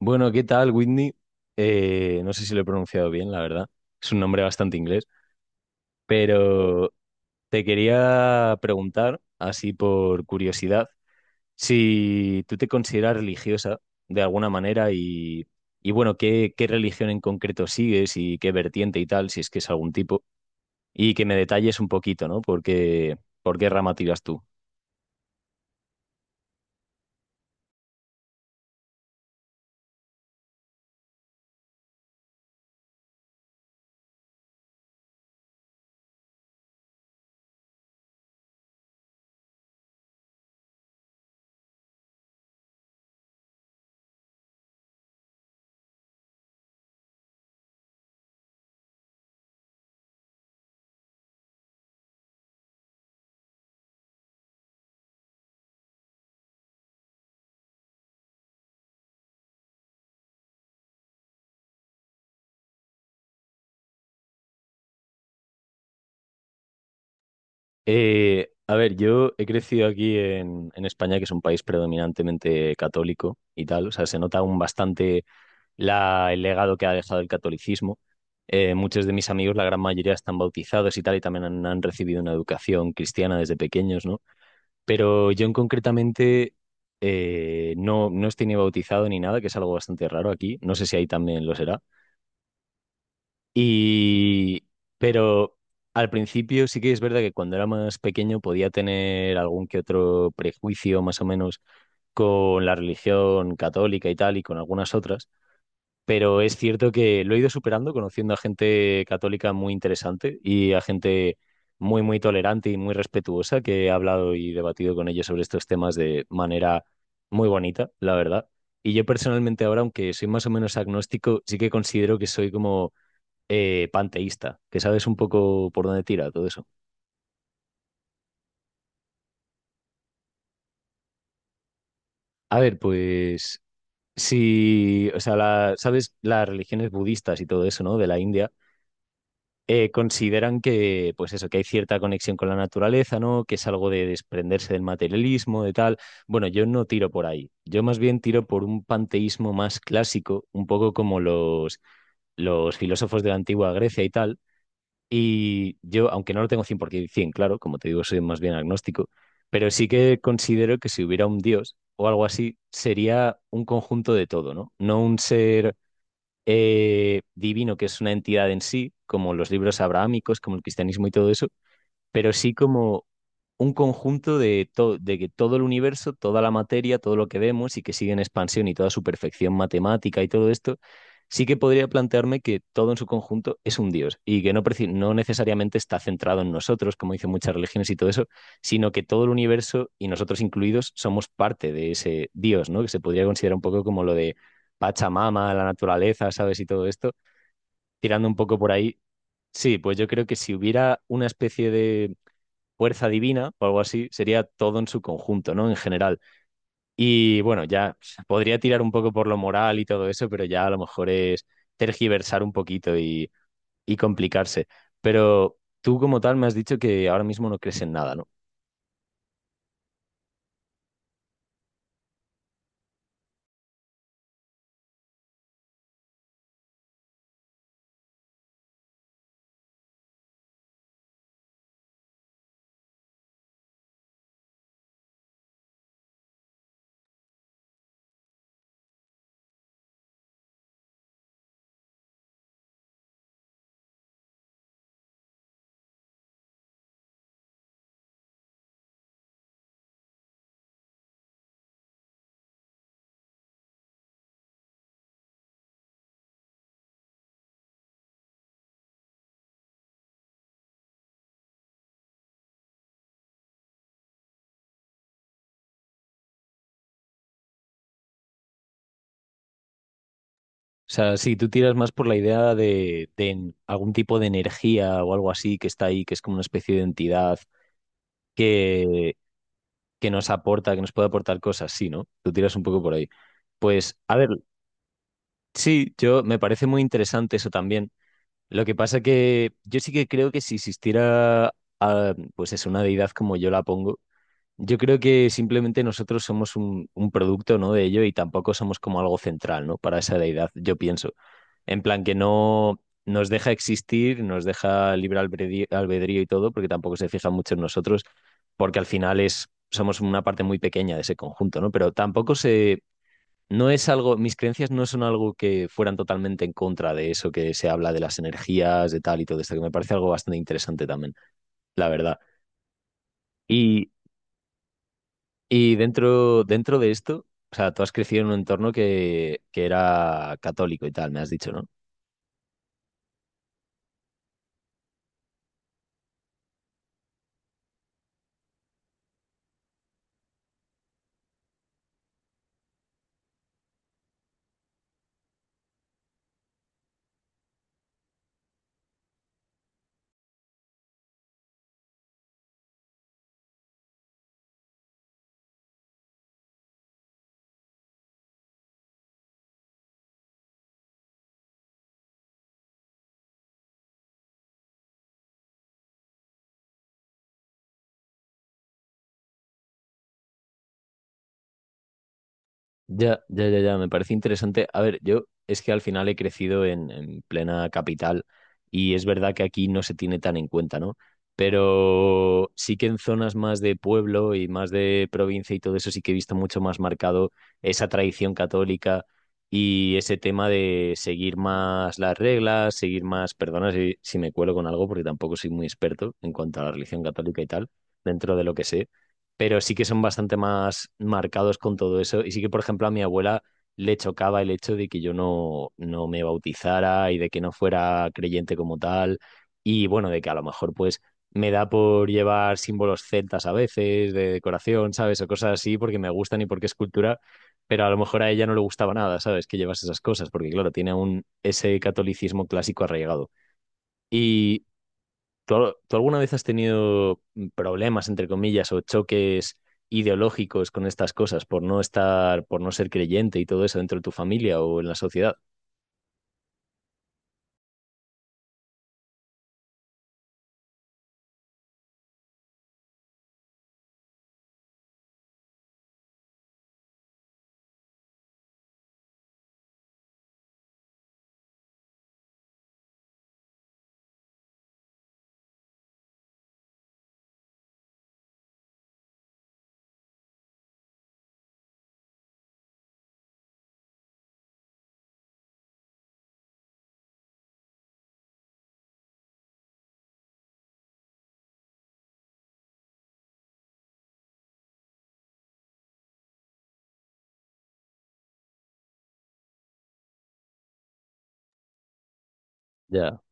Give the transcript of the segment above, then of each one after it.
Bueno, ¿qué tal, Whitney? No sé si lo he pronunciado bien, la verdad. Es un nombre bastante inglés, pero te quería preguntar, así por curiosidad, si tú te consideras religiosa de alguna manera y, bueno, qué religión en concreto sigues y qué vertiente y tal, si es que es algún tipo, y que me detalles un poquito, ¿no? Porque, ¿por qué rama tiras tú? A ver, yo he crecido en España, que es un país predominantemente católico y tal. O sea, se nota aún bastante el legado que ha dejado el catolicismo. Muchos de mis amigos, la gran mayoría, están bautizados y tal, y también han recibido una educación cristiana desde pequeños, ¿no? Pero yo en concretamente no estoy ni bautizado ni nada, que es algo bastante raro aquí. No sé si ahí también lo será. Y, pero al principio sí que es verdad que cuando era más pequeño podía tener algún que otro prejuicio más o menos con la religión católica y tal y con algunas otras, pero es cierto que lo he ido superando conociendo a gente católica muy interesante y a gente muy, muy tolerante y muy respetuosa que he hablado y debatido con ellos sobre estos temas de manera muy bonita, la verdad. Y yo personalmente ahora, aunque soy más o menos agnóstico, sí que considero que soy como panteísta, que sabes un poco por dónde tira todo eso. A ver, pues si, o sea, sabes, las religiones budistas y todo eso, ¿no? De la India, consideran que, pues eso, que hay cierta conexión con la naturaleza, ¿no? Que es algo de desprenderse del materialismo, de tal. Bueno, yo no tiro por ahí. Yo más bien tiro por un panteísmo más clásico, un poco como los filósofos de la antigua Grecia y tal. Y yo, aunque no lo tengo 100%, claro, como te digo, soy más bien agnóstico, pero sí que considero que si hubiera un Dios o algo así, sería un conjunto de todo, ¿no? No un ser divino que es una entidad en sí, como los libros abrahámicos, como el cristianismo y todo eso, pero sí como un conjunto de, de que todo el universo, toda la materia, todo lo que vemos y que sigue en expansión y toda su perfección matemática y todo esto, sí que podría plantearme que todo en su conjunto es un Dios y que no, no necesariamente está centrado en nosotros, como dicen muchas religiones y todo eso, sino que todo el universo y nosotros incluidos somos parte de ese Dios, ¿no? Que se podría considerar un poco como lo de Pachamama, la naturaleza, ¿sabes? Y todo esto, tirando un poco por ahí. Sí, pues yo creo que si hubiera una especie de fuerza divina o algo así, sería todo en su conjunto, ¿no? En general. Y bueno, ya podría tirar un poco por lo moral y todo eso, pero ya a lo mejor es tergiversar un poquito y complicarse. Pero tú como tal me has dicho que ahora mismo no crees en nada, ¿no? O sea, sí, tú tiras más por la idea de, algún tipo de energía o algo así que está ahí, que es como una especie de entidad que, que nos aporta, que nos puede aportar cosas, sí, ¿no? Tú tiras un poco por ahí. Pues, a ver, sí, yo me parece muy interesante eso también. Lo que pasa que yo sí que creo que si existiera, ah, pues es una deidad como yo la pongo, yo creo que simplemente nosotros somos un producto, ¿no? de ello y tampoco somos como algo central, ¿no? para esa deidad, yo pienso. En plan que no nos deja existir, nos deja libre albedrío, albedrío y todo, porque tampoco se fija mucho en nosotros, porque al final es, somos una parte muy pequeña de ese conjunto, ¿no? Pero tampoco se no es algo, mis creencias no son algo que fueran totalmente en contra de eso que se habla de las energías, de tal y todo esto, que me parece algo bastante interesante también, la verdad. Y, y dentro de esto, o sea, tú has crecido en un entorno que era católico y tal, me has dicho, ¿no? Ya, ya, ya, ya, me parece interesante. A ver, yo es que al final he crecido en plena capital y es verdad que aquí no se tiene tan en cuenta, ¿no? Pero sí que en zonas más de pueblo y más de provincia y todo eso sí que he visto mucho más marcado esa tradición católica y ese tema de seguir más las reglas, seguir más, perdona si me cuelo con algo porque tampoco soy muy experto en cuanto a la religión católica y tal, dentro de lo que sé, pero sí que son bastante más marcados con todo eso. Y sí que, por ejemplo, a mi abuela le chocaba el hecho de que yo no me bautizara y de que no fuera creyente como tal. Y bueno, de que a lo mejor pues me da por llevar símbolos celtas a veces, de decoración, ¿sabes? O cosas así porque me gustan y porque es cultura, pero a lo mejor a ella no le gustaba nada, ¿sabes? Que llevas esas cosas, porque claro, tiene un, ese catolicismo clásico arraigado. Y tú alguna vez has tenido problemas, entre comillas, o choques ideológicos con estas cosas por no estar, por no ser creyente y todo eso dentro de tu familia o en la sociedad? Ya,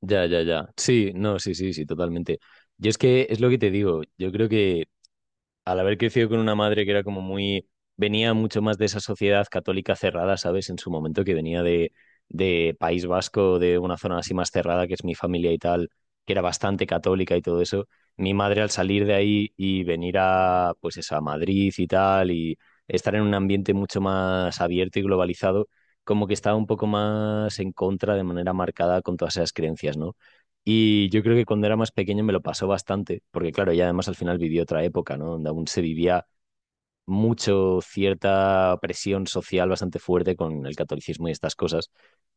ya, ya, ya. Sí, no, sí, sí, sí, totalmente. Yo es que es lo que te digo. Yo creo que al haber crecido con una madre que era como muy, venía mucho más de esa sociedad católica cerrada, ¿sabes? En su momento que venía de País Vasco, de una zona así más cerrada, que es mi familia y tal, que era bastante católica y todo eso. Mi madre al salir de ahí y venir a, pues eso, a Madrid y tal, y estar en un ambiente mucho más abierto y globalizado, como que estaba un poco más en contra de manera marcada con todas esas creencias, ¿no? Y yo creo que cuando era más pequeño me lo pasó bastante, porque claro, y además al final viví otra época, ¿no? Donde aún se vivía mucho cierta presión social bastante fuerte con el catolicismo y estas cosas.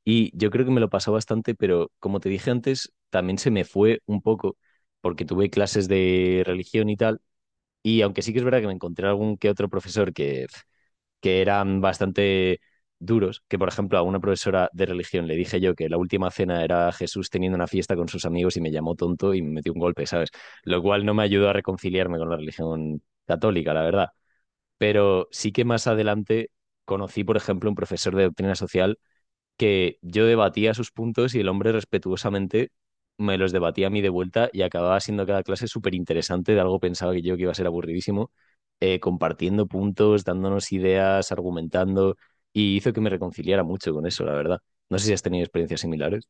Y yo creo que me lo pasó bastante, pero como te dije antes, también se me fue un poco, porque tuve clases de religión y tal, y aunque sí que es verdad que me encontré algún que otro profesor que eran bastante duros, que por ejemplo a una profesora de religión le dije yo que la última cena era Jesús teniendo una fiesta con sus amigos y me llamó tonto y me metió un golpe, ¿sabes? Lo cual no me ayudó a reconciliarme con la religión católica, la verdad. Pero sí que más adelante conocí, por ejemplo, un profesor de doctrina social que yo debatía sus puntos y el hombre respetuosamente me los debatía a mí de vuelta y acababa siendo cada clase súper interesante de algo pensaba que yo que iba a ser aburridísimo, compartiendo puntos, dándonos ideas, argumentando y hizo que me reconciliara mucho con eso, la verdad. No sé si has tenido experiencias similares.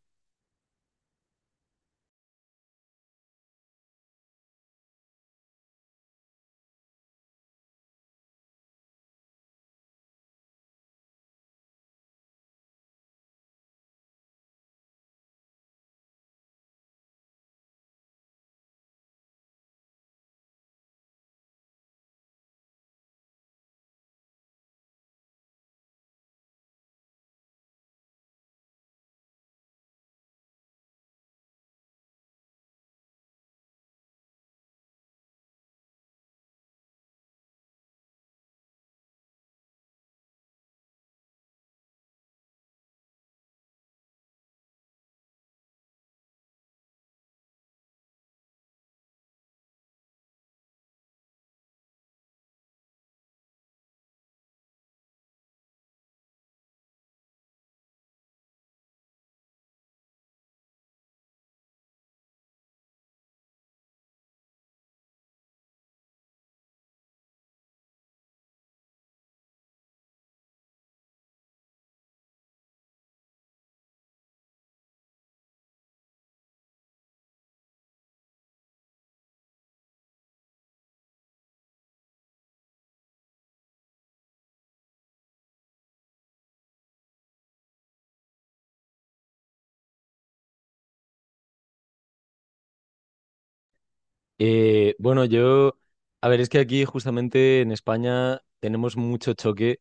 Bueno, yo, a ver, es que aquí justamente en España tenemos mucho choque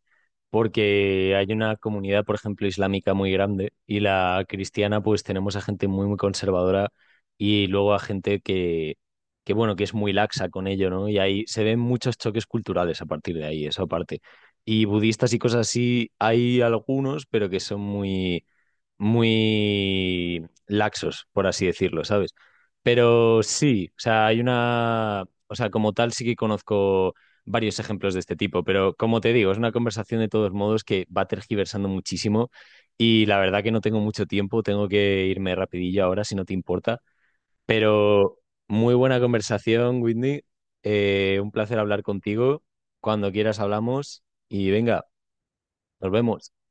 porque hay una comunidad, por ejemplo, islámica muy grande y la cristiana, pues tenemos a gente muy, muy conservadora y luego a gente que bueno, que es muy laxa con ello, ¿no? Y ahí se ven muchos choques culturales a partir de ahí, eso aparte. Y budistas y cosas así, hay algunos, pero que son muy muy laxos, por así decirlo, ¿sabes? Pero sí, o sea, hay una, o sea, como tal sí que conozco varios ejemplos de este tipo, pero como te digo, es una conversación de todos modos que va tergiversando muchísimo y la verdad que no tengo mucho tiempo, tengo que irme rapidillo ahora, si no te importa, pero muy buena conversación, Whitney. Un placer hablar contigo, cuando quieras hablamos y venga, nos vemos.